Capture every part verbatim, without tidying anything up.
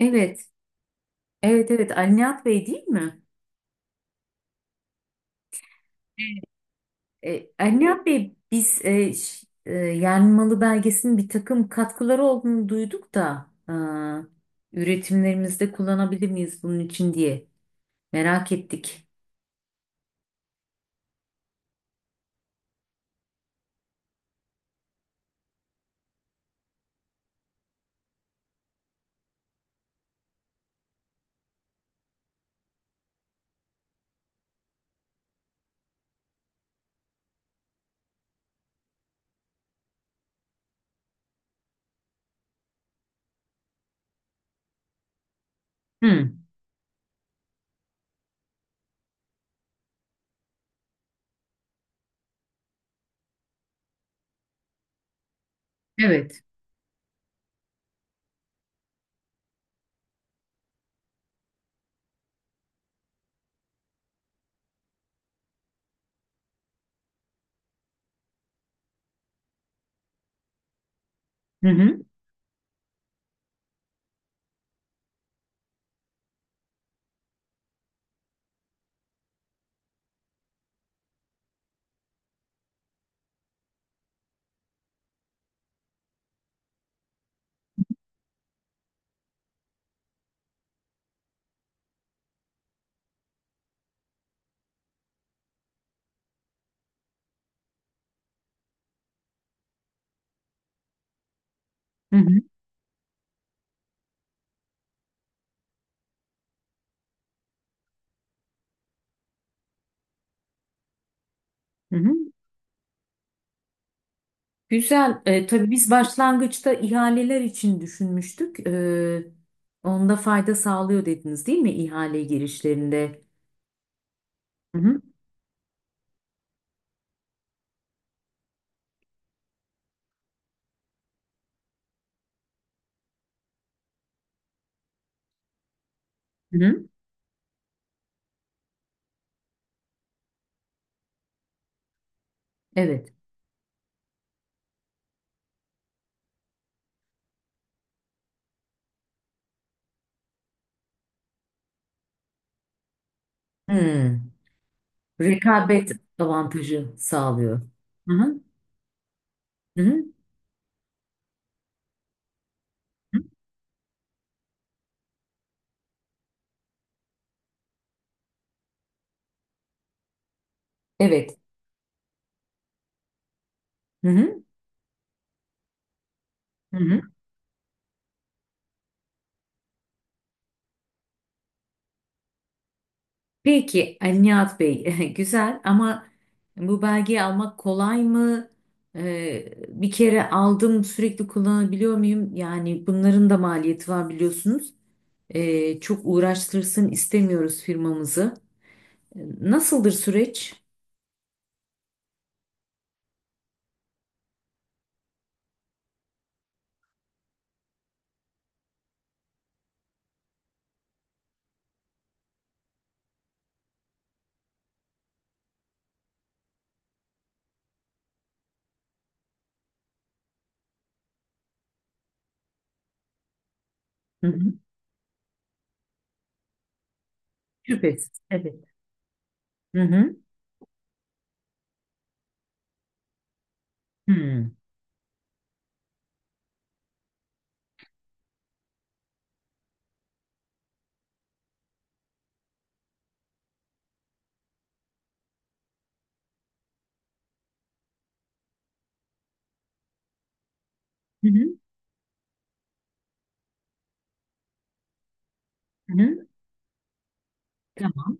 Evet, evet, evet. Ali Nihat Bey değil mi? Evet. E, Ali Nihat Bey biz e, ş- e, Yenmalı belgesinin bir takım katkıları olduğunu duyduk da e, üretimlerimizde kullanabilir miyiz bunun için diye merak ettik. Hı, evet. Hı hı, hı hı, hı hı. Güzel. E, tabii biz başlangıçta ihaleler için düşünmüştük. E, onda fayda sağlıyor dediniz değil mi ihale girişlerinde? Hı hı, hı hı. Evet. Hı. Rekabet avantajı sağlıyor. Hı hı. Hı hı. hı. Evet. Hı hı. Hı hı. Peki Ali Nihat Bey güzel ama bu belgeyi almak kolay mı? Ee, bir kere aldım sürekli kullanabiliyor muyum? Yani bunların da maliyeti var biliyorsunuz. Ee, çok uğraştırsın istemiyoruz firmamızı. Nasıldır süreç? Hı hı. Şüphesiz. Evet. Hı hı. Hı hı. Hı hı. Hı hı. Tamam.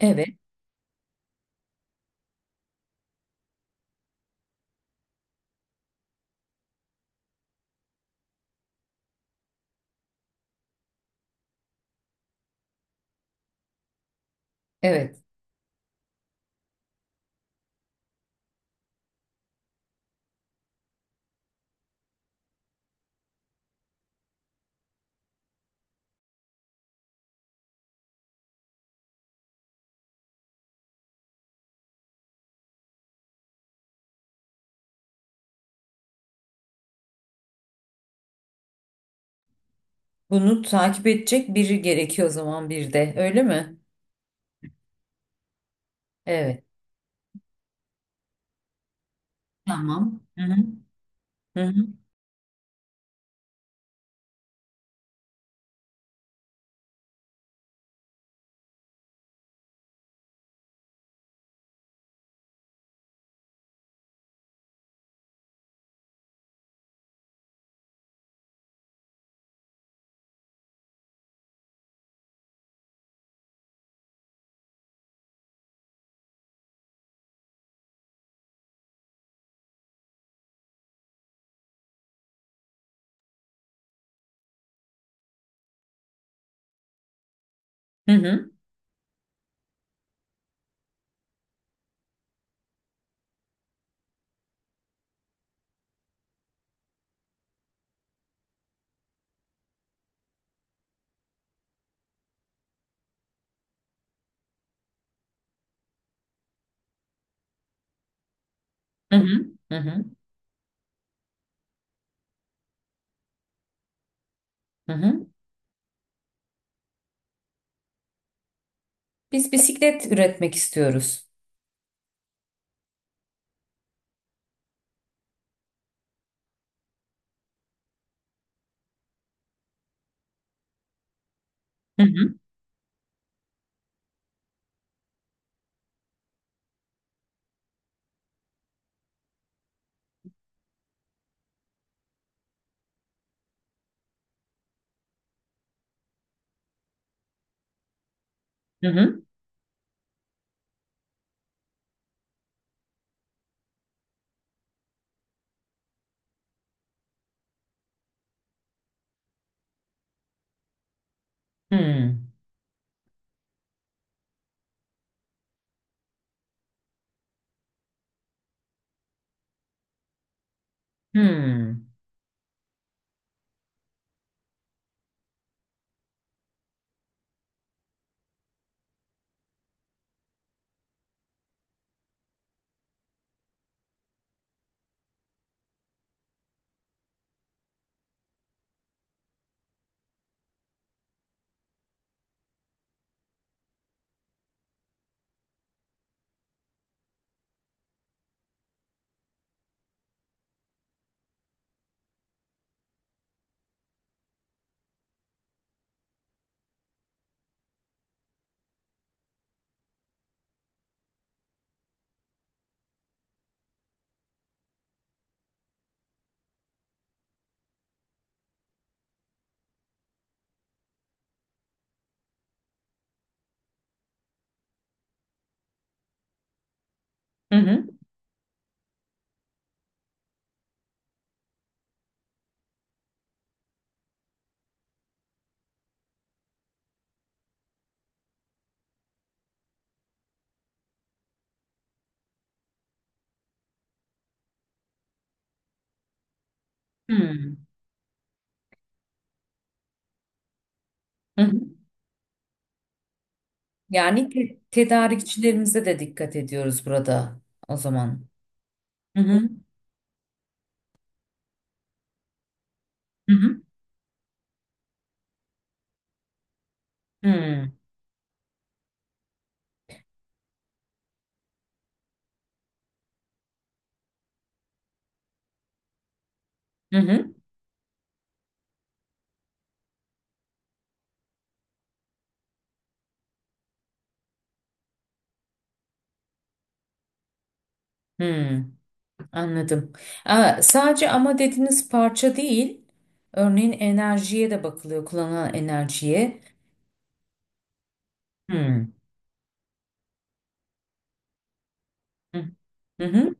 Evet. Evet. Bunu takip edecek biri gerekiyor o zaman bir de. Öyle mi? Evet. Tamam. Hı hı. Hı hı. Hı hı. Hı hı. Hı hı. Hı hı. Biz bisiklet üretmek istiyoruz. Hı hı. Hı hı. Hı. Hı. Hı hı. Hı. Hı hı. Yani te- tedarikçilerimize de dikkat ediyoruz burada o zaman. Hı hı. Hı hı. Hı. Hı hı. Hı. Hı. Anladım. Aa, sadece ama dediğiniz parça değil. Örneğin enerjiye de bakılıyor, kullanılan enerjiye. Hmm. Hı hı. hı.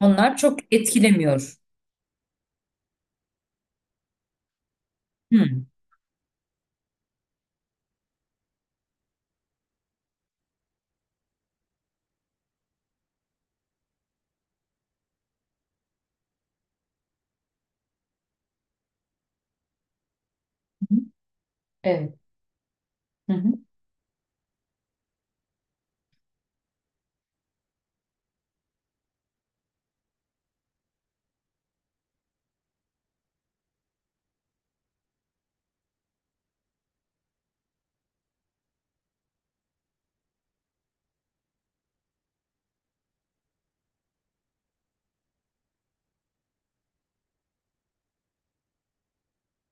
Onlar çok etkilemiyor. Hmm. Hı hı. Evet. Hı hı.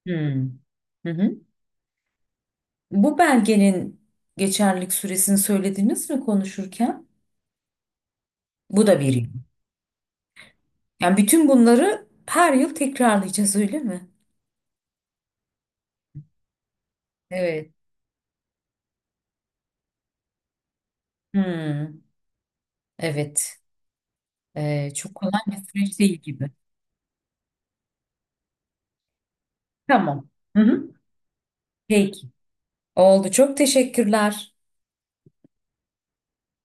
Hmm. Hı hı. Bu belgenin geçerlilik süresini söylediniz mi konuşurken? Bu da bir yıl. Yani bütün bunları her yıl tekrarlayacağız öyle mi? Evet. Hmm. Evet. Ee, çok kolay bir süreç değil gibi. Tamam. Hı hı. Peki. Oldu. Çok teşekkürler.